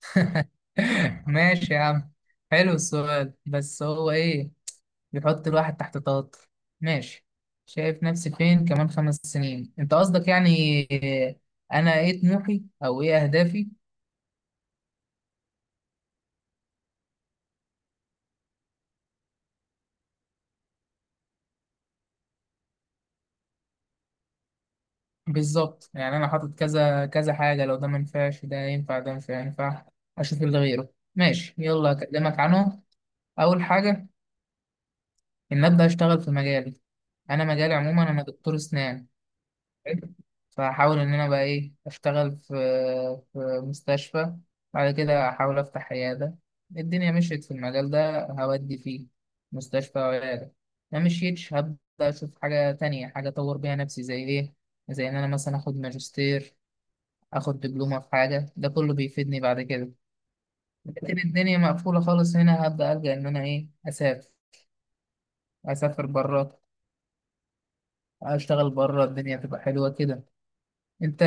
ماشي يا عم. حلو السؤال، بس هو ايه بيحط الواحد تحت ضغط. ماشي. شايف نفسي فين كمان 5 سنين انت قصدك يعني إيه، انا ايه طموحي او ايه اهدافي؟ بالظبط، يعني انا حاطط كذا كذا حاجة. لو ده ما ينفعش ده ينفع، ده مش هينفع اشوف اللي غيره. ماشي، يلا اكلمك عنه. اول حاجة ان ابدا اشتغل في مجالي. انا مجالي عموما انا دكتور اسنان حلو. فهحاول إن أنا بقى إيه أشتغل في مستشفى. بعد كده أحاول أفتح عيادة. الدنيا مشيت في المجال ده هودي فيه مستشفى أو عيادة. ما مشيتش هبدأ أشوف حاجة تانية، حاجة أطور بيها نفسي زي إيه، زي إن أنا مثلا آخد ماجستير، آخد دبلومة في حاجة. ده كله بيفيدني بعد كده. لكن الدنيا مقفولة خالص هنا هبدأ ألجأ إن أنا إيه أسافر. أسافر بره، أشتغل بره، الدنيا تبقى حلوة كده. أنت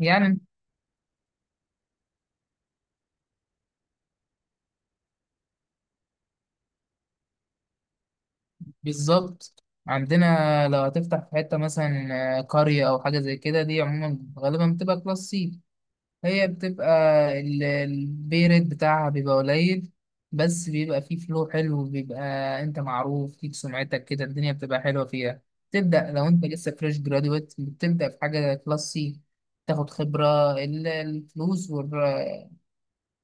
يعني. بالظبط، عندنا لو هتفتح في حتة مثلا قرية أو حاجة زي كده، دي عموما غالبا بتبقى كلاس سي. هي بتبقى البي ريت بتاعها بيبقى قليل. بس بيبقى فيه فلو حلو بيبقى. أنت معروف ليك سمعتك كده، الدنيا بتبقى حلوة فيها. تبدأ لو أنت لسه فريش جرادويت بتبدأ في حاجة كلاس سي، تاخد خبرة الفلوس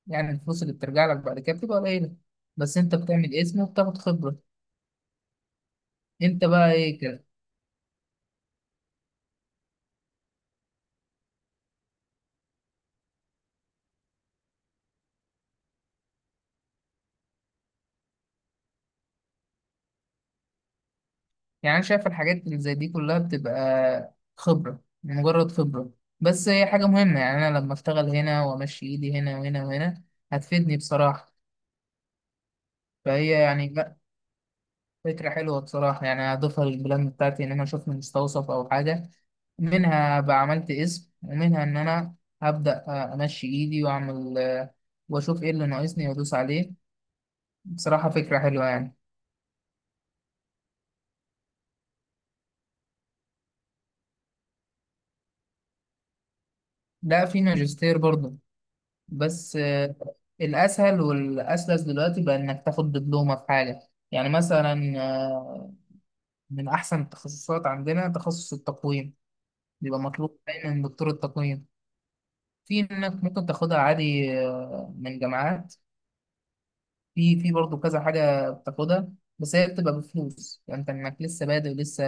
يعني الفلوس اللي بترجع لك بعد كده بتبقى قليلة، بس أنت بتعمل اسم وبتاخد خبرة. أنت بقى إيه؟ يعني أنا شايف الحاجات اللي زي دي كلها بتبقى خبرة مجرد خبرة. بس هي حاجة مهمة، يعني أنا لما أشتغل هنا وأمشي إيدي هنا وهنا وهنا هتفيدني بصراحة. فهي يعني لأ، فكرة حلوة بصراحة يعني. هضيفها للبلان بتاعتي إن أنا أشوف مستوصف أو حاجة. منها بقى عملت اسم، ومنها إن أنا هبدأ أمشي إيدي وأعمل وأشوف إيه اللي ناقصني وأدوس عليه. بصراحة فكرة حلوة يعني. لا، في ماجستير برضه. بس الأسهل والأسلس دلوقتي بقى إنك تاخد دبلومة في حاجة، يعني مثلا آه، من أحسن التخصصات عندنا تخصص التقويم. بيبقى مطلوب دايما دكتور التقويم. في إنك ممكن تاخدها عادي من جامعات. في برضه كذا حاجة بتاخدها. بس هي بتبقى بفلوس، يعني أنت إنك لسه بادئ ولسه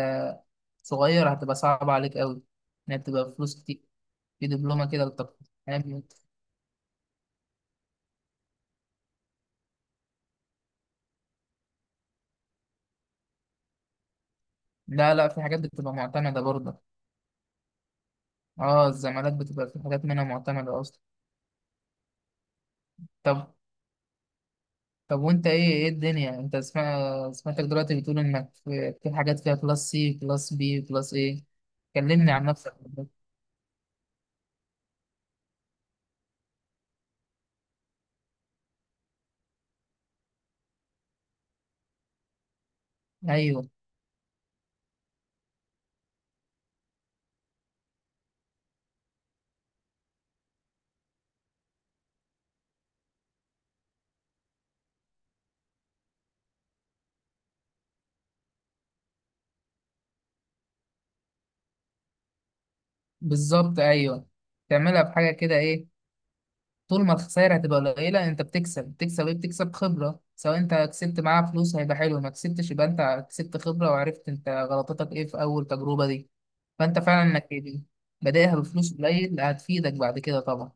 صغير هتبقى صعبة عليك أوي، إنها بتبقى بفلوس كتير. في دبلومة كده للتقويم، يعني. لا لا، في حاجات بتبقى معتمدة برضه. اه، الزمالات بتبقى في حاجات منها معتمدة أصلا. طب، طب وأنت إيه الدنيا؟ أنت سمعتك دلوقتي بتقول إنك في حاجات فيها كلاس سي كلاس بي كلاس إيه. كلمني عن نفسك. أيوه. بالظبط، أيوه. تعملها بحاجة كده إيه، طول ما الخسائر هتبقى قليلة أنت بتكسب إيه، بتكسب خبرة. سواء أنت كسبت معاها فلوس هيبقى حلو، ما كسبتش يبقى أنت كسبت خبرة وعرفت أنت غلطتك إيه في أول تجربة دي. فأنت فعلا إنك بادئها بفلوس قليل هتفيدك بعد كده طبعا.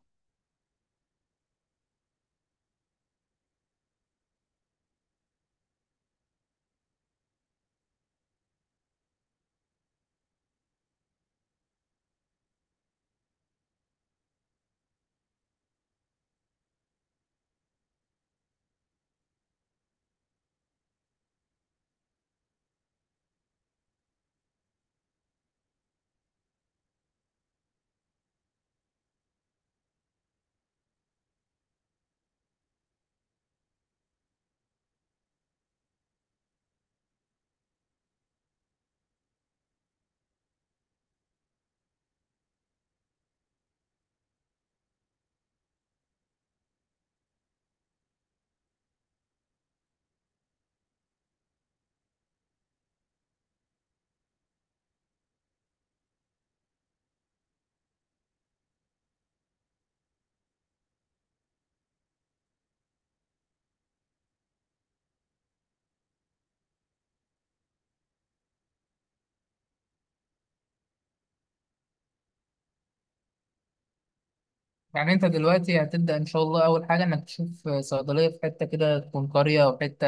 يعني انت دلوقتي هتبدأ ان شاء الله. اول حاجة انك تشوف صيدلية في حتة كده تكون قرية او حتة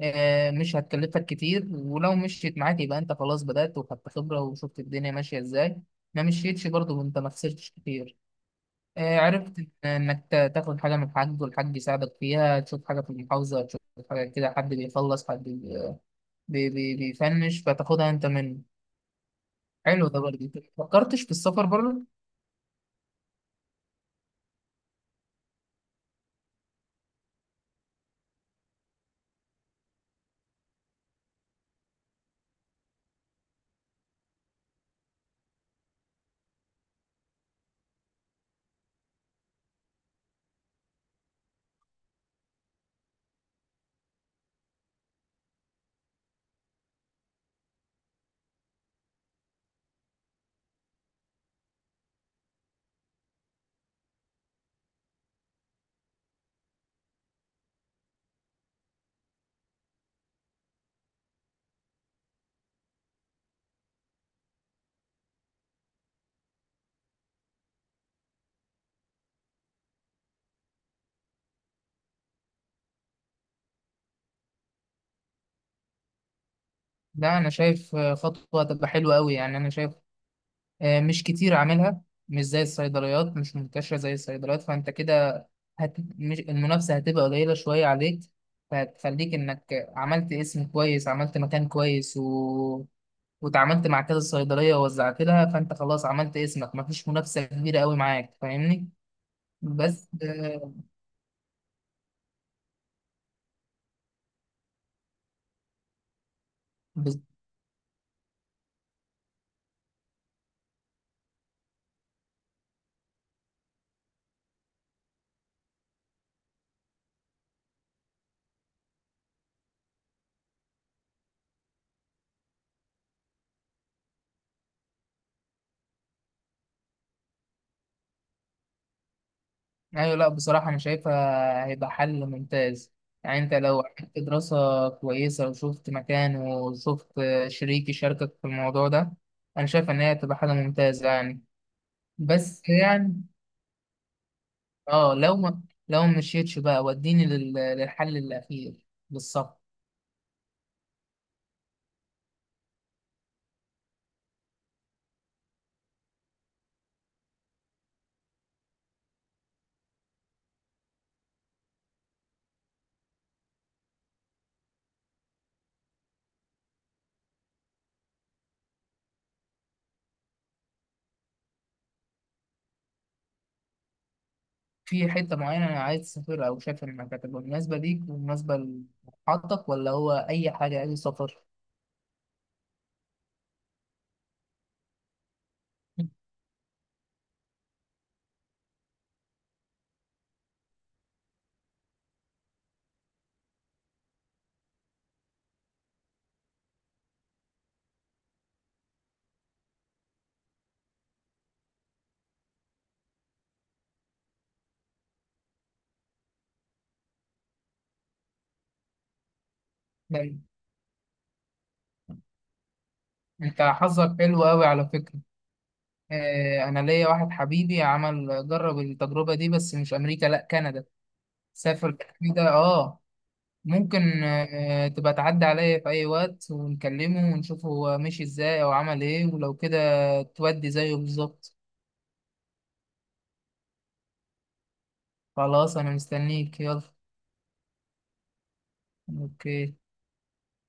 مش هتكلفك كتير. ولو مشيت معاك يبقى انت خلاص بدأت وخدت خبرة وشفت الدنيا ماشية ازاي. ما مشيتش برضه انت ما خسرتش كتير. عرفت انك تاخد حاجة من الحاج والحاج يساعدك فيها، تشوف حاجة في المحافظة، تشوف حاجة كده، حد بيخلص حد بيفنش فتاخدها انت منه. حلو، ده برضه انت ما فكرتش في السفر بره؟ لا، انا شايف خطوه هتبقى حلوه قوي. يعني انا شايف مش كتير عاملها. مش زي الصيدليات، مش منتشرة زي الصيدليات، فأنت كده هت... مش... المنافسة هتبقى قليلة شوية عليك. فهتخليك إنك عملت اسم كويس، عملت مكان كويس وتعاملت مع كذا صيدلية ووزعت لها، فأنت خلاص عملت اسمك مفيش منافسة كبيرة قوي معاك، فاهمني؟ بس ايوه. لا، بصراحة أنا شايفها هيبقى حل ممتاز. يعني أنت لو عملت دراسة كويسة وشفت مكان وشفت شريك يشاركك في الموضوع ده، أنا شايف إن هي هتبقى حاجة ممتازة يعني. بس يعني أه لو ما لو ما مشيتش بقى، وديني للحل الأخير بالظبط. في حتة معينة أنا عايز أسافرها، أو شايف إنك هتبقى مناسبة ليك ومناسبة لمحطتك، ولا هو أي حاجة أي سفر؟ ده أنت حظك حلو أوي على فكرة. انا ليا واحد حبيبي جرب التجربه دي، بس مش امريكا، لا كندا. سافر كندا، اه. ممكن تبقى تعدي عليا في اي وقت ونكلمه ونشوف هو مشي ازاي او عمل ايه، ولو كده تودي زيه بالظبط. خلاص، انا مستنيك، يلا. اوكي.